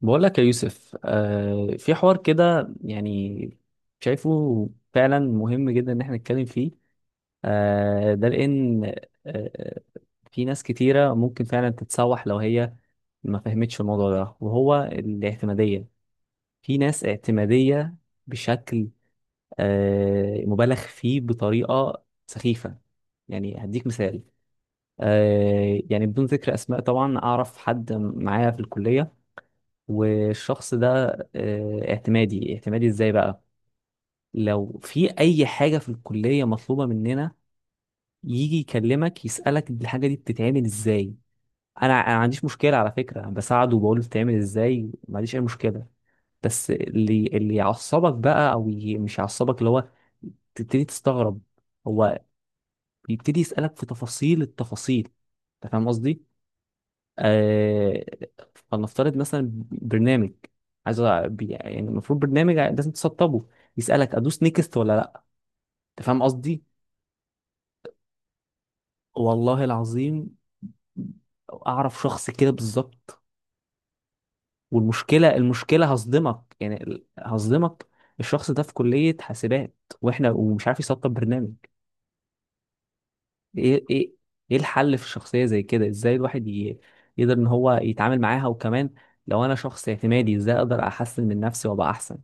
بقول لك يا يوسف في حوار كده يعني. شايفه فعلا مهم جدا ان احنا نتكلم فيه. ده لان. آه. في ناس كتيرة ممكن فعلا تتسوح لو هي ما فهمتش الموضوع ده، وهو الاعتمادية. في ناس اعتمادية بشكل مبالغ فيه بطريقة سخيفة. يعني هديك مثال. يعني بدون ذكر اسماء طبعا، اعرف حد معايا في الكلية. والشخص ده اعتمادي اعتمادي ازاي بقى؟ لو في اي حاجة في الكلية مطلوبة مننا، يجي يكلمك يسألك الحاجة دي بتتعمل ازاي. انا ما عنديش مشكلة على فكرة، بساعده وبقول له بتتعمل ازاي، ما عنديش اي مشكلة. بس اللي يعصبك بقى، مش يعصبك، اللي هو تبتدي تستغرب. هو بيبتدي يسألك في تفاصيل التفاصيل. انت فاهم قصدي؟ آه، فلنفترض مثلا برنامج. عايز يعني المفروض برنامج لازم تسطبه. يسألك ادوس نيكست ولا لا. انت فاهم قصدي؟ والله العظيم، اعرف شخص كده بالظبط. والمشكله هصدمك، يعني هصدمك. الشخص ده في كليه حاسبات، واحنا ومش عارف يسطب برنامج. ايه ايه. ايه الحل في الشخصيه زي كده؟ ازاي الواحد يقدر ان هو يتعامل معاها، وكمان لو انا شخص اعتمادي، ازاي اقدر احسن من نفسي وابقى احسن؟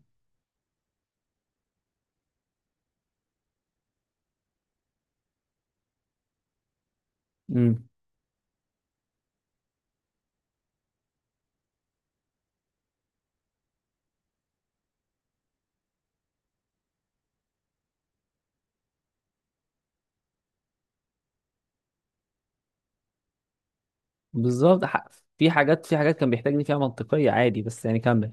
بالظبط. في حاجات كان بيحتاجني فيها منطقية عادي، بس يعني كمل.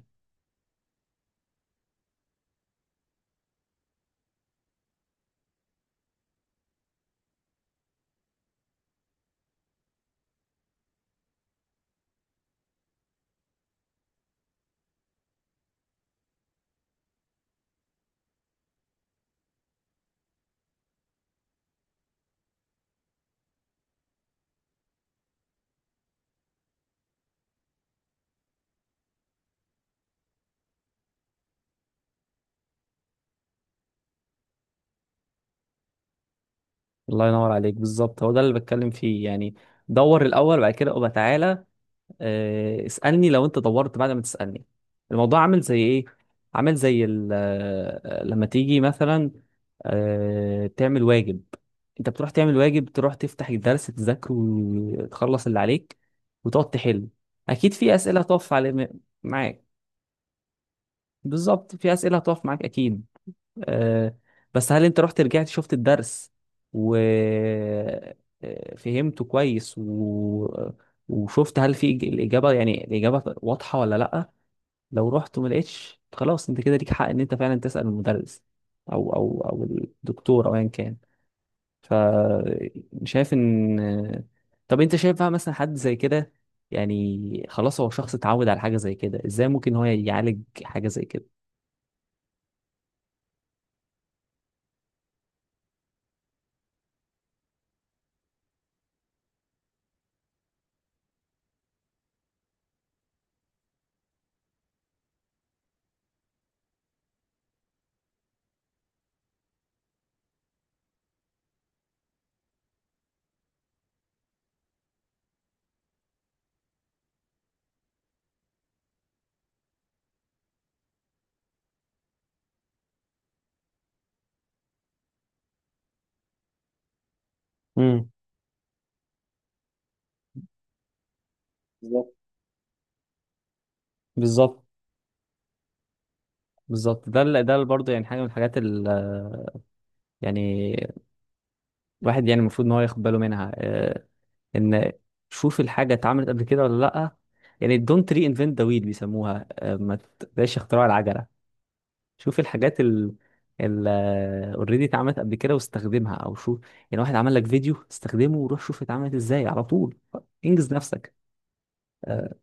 الله ينور عليك، بالظبط هو ده اللي بتكلم فيه يعني. دور الأول، بعد كده ابقى تعالى. اسألني لو أنت دورت بعد ما تسألني. الموضوع عامل زي إيه؟ عامل زي لما تيجي مثلا. تعمل واجب. أنت بتروح تعمل واجب، تروح تفتح الدرس تذاكره وتخلص اللي عليك، وتقعد تحل. أكيد في أسئلة هتقف على معاك، بالظبط في أسئلة هتقف معاك أكيد. آه، بس هل انت رحت رجعت شفت الدرس و فهمته كويس وشفت هل في الإجابة، يعني الإجابة واضحة ولا لأ؟ لو رحت وما لقيتش، خلاص انت كده ليك حق ان انت فعلا تسأل المدرس او الدكتور او ايا كان. ف شايف ان طب انت شايف بقى مثلا حد زي كده؟ يعني خلاص هو شخص اتعود على حاجة زي كده، ازاي ممكن هو يعالج حاجة زي كده؟ امم. بالظبط، بالظبط، بالظبط. برضه يعني حاجه من الحاجات يعني الواحد، يعني المفروض ان هو ياخد باله منها ان شوف الحاجه اتعملت قبل كده ولا لا. يعني دونت ري انفنت ذا ويل، بيسموها ما تبقاش اختراع العجله. شوف الحاجات ال اوريدي اتعملت قبل كده واستخدمها او شوف، يعني واحد عمل لك فيديو استخدمه وروح شوف اتعملت ازاي على طول. انجز نفسك. آه،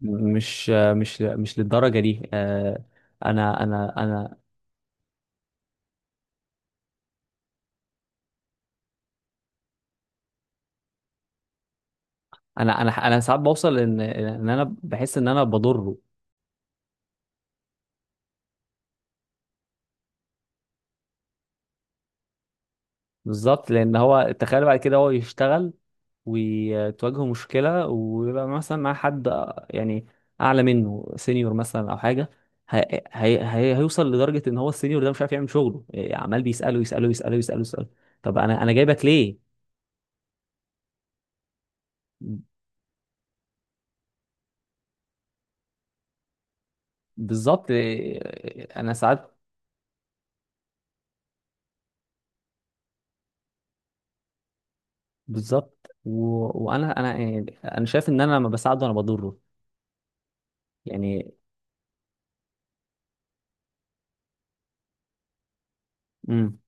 مش للدرجه دي انا انا انا انا ساعات بوصل ان انا بحس ان انا بضره. بالظبط، لان هو تخيل بعد كده هو يشتغل، وتواجهه مشكله ويبقى مثلا مع حد يعني اعلى منه، سينيور مثلا او حاجه. هي هي هي هيوصل لدرجه ان هو السينيور ده مش عارف يعمل شغله إيه، عمال بيساله يساله يساله يساله يساله. طب انا جايبك ليه؟ بالظبط انا ساعات. بالظبط وانا يعني انا شايف ان انا لما بساعده انا بضره يعني. إمم.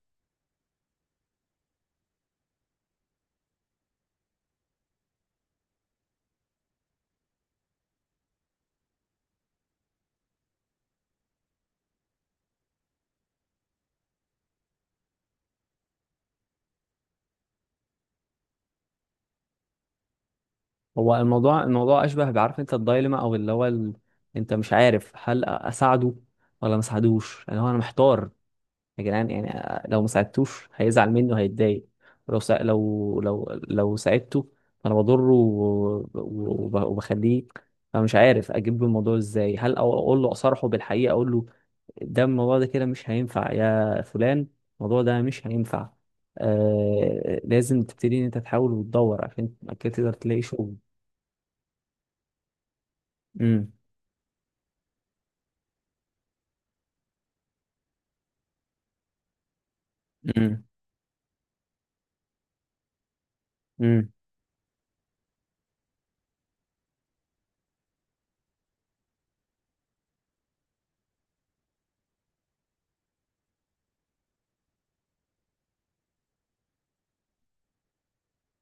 هو الموضوع اشبه، بعرف انت الدايلما، او اللي هو انت مش عارف هل اساعده ولا ما اساعدوش، اللي هو انا محتار يا جدعان يعني. لو ما ساعدتوش هيزعل مني وهيتضايق. لو ساعدته، فانا بضره وبخليه. فمش عارف اجيب له الموضوع ازاي، هل اقول له، اصارحه بالحقيقه، اقول له ده الموضوع ده كده مش هينفع يا فلان، الموضوع ده مش هينفع. لازم تبتدي ان انت تحاول وتدور عشان بعد كده تقدر تلاقي شغل. امم، امم.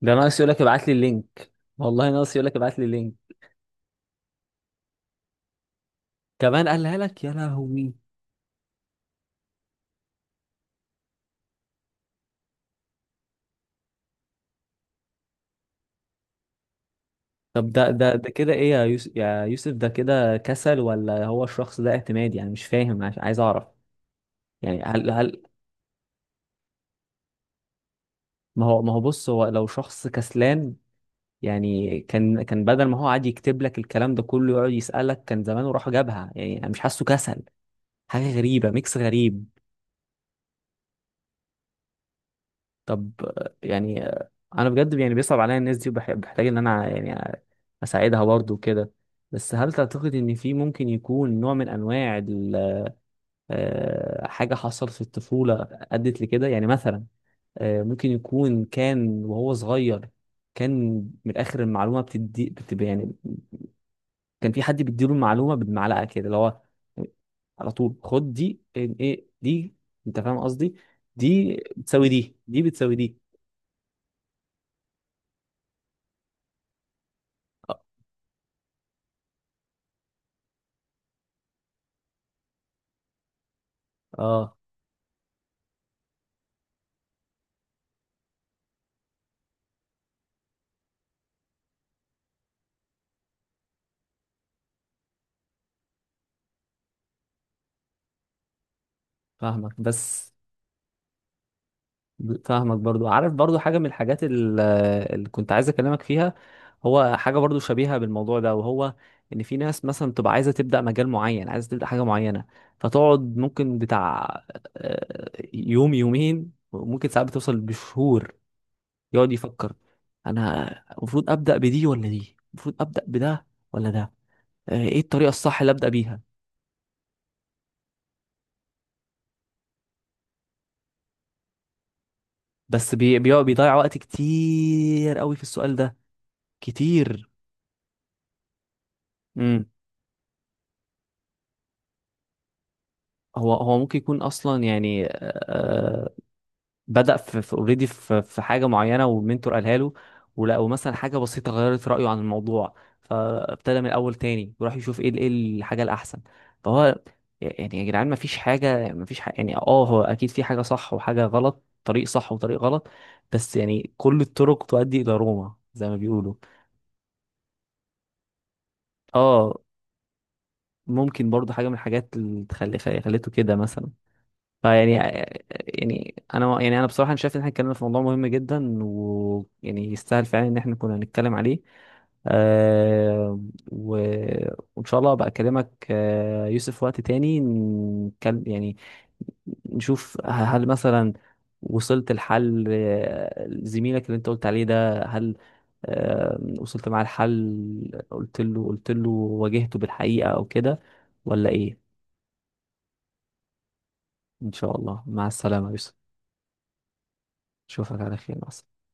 ده ناقص يقول لك ابعت لي اللينك. والله ناقص يقول لك ابعت لي اللينك. كمان قالها لك يا لهوي! طب ده كده ايه يا يوسف يا يوسف، ده كده كسل ولا هو الشخص ده اعتمادي؟ يعني مش فاهم، عايز اعرف. يعني هل هل ما هو بص، هو لو شخص كسلان. يعني كان بدل ما هو قاعد يكتب لك الكلام ده كله يقعد يسألك، كان زمانه راح جابها. يعني انا مش حاسه كسل، حاجة غريبة، ميكس غريب. طب يعني انا بجد يعني بيصعب عليا الناس دي، وبحتاج ان انا يعني اساعدها برضو كده. بس هل تعتقد ان في ممكن يكون نوع من انواع حاجة حصلت في الطفولة ادت لكده، يعني مثلا ممكن يكون كان وهو صغير، كان من الاخر المعلومة بتدي بتبقى يعني، كان في حد بيديله المعلومة بالمعلقة كده، اللي هو على طول خد دي، ايه إيه، دي. انت فاهم قصدي؟ دي بتساوي دي، دي بتساوي دي. اه آه. فاهمك بس، فاهمك برضو، عارف برضو حاجة من الحاجات اللي كنت عايز أكلمك فيها. هو حاجة برضو شبيهة بالموضوع ده، وهو إن في ناس مثلا تبقى عايزة تبدأ مجال معين، عايزة تبدأ حاجة معينة، فتقعد ممكن بتاع يوم يومين، وممكن ساعات بتوصل بشهور. يقعد يفكر: أنا المفروض أبدأ بدي ولا دي؟ المفروض أبدأ بده ولا ده؟ إيه الطريقة الصح اللي أبدأ بيها؟ بس بيضيع وقت كتير قوي في السؤال ده، كتير. إمم. هو ممكن يكون اصلا يعني بدأ في اوريدي، في, already في حاجه معينه، والمنتور قالها له، ولا ومثلا حاجه بسيطه غيرت رايه عن الموضوع، فابتدى من الاول تاني وراح يشوف ايه ايه الحاجه الاحسن. فهو يعني، يا جدعان ما فيش حاجه ما فيش حاجة، يعني هو اكيد في حاجه صح وحاجه غلط، طريق صح وطريق غلط، بس يعني كل الطرق تؤدي الى روما زي ما بيقولوا. اه ممكن برضه حاجه من الحاجات اللي تخلي خليته كده مثلا، فيعني يعني انا، يعني انا بصراحه، أنا شايف ان احنا اتكلمنا في موضوع مهم جدا، ويعني يستاهل فعلا ان احنا كنا نتكلم عليه. آه. و... وان شاء الله ابقى اكلمك يوسف في وقت تاني نتكلم يعني، نشوف هل مثلا وصلت لحل زميلك اللي انت قلت عليه ده، هل وصلت معاه الحل؟ قلت له واجهته بالحقيقه او كده، ولا ايه؟ ان شاء الله، مع السلامه يا يوسف، اشوفك على خير، مع السلامه.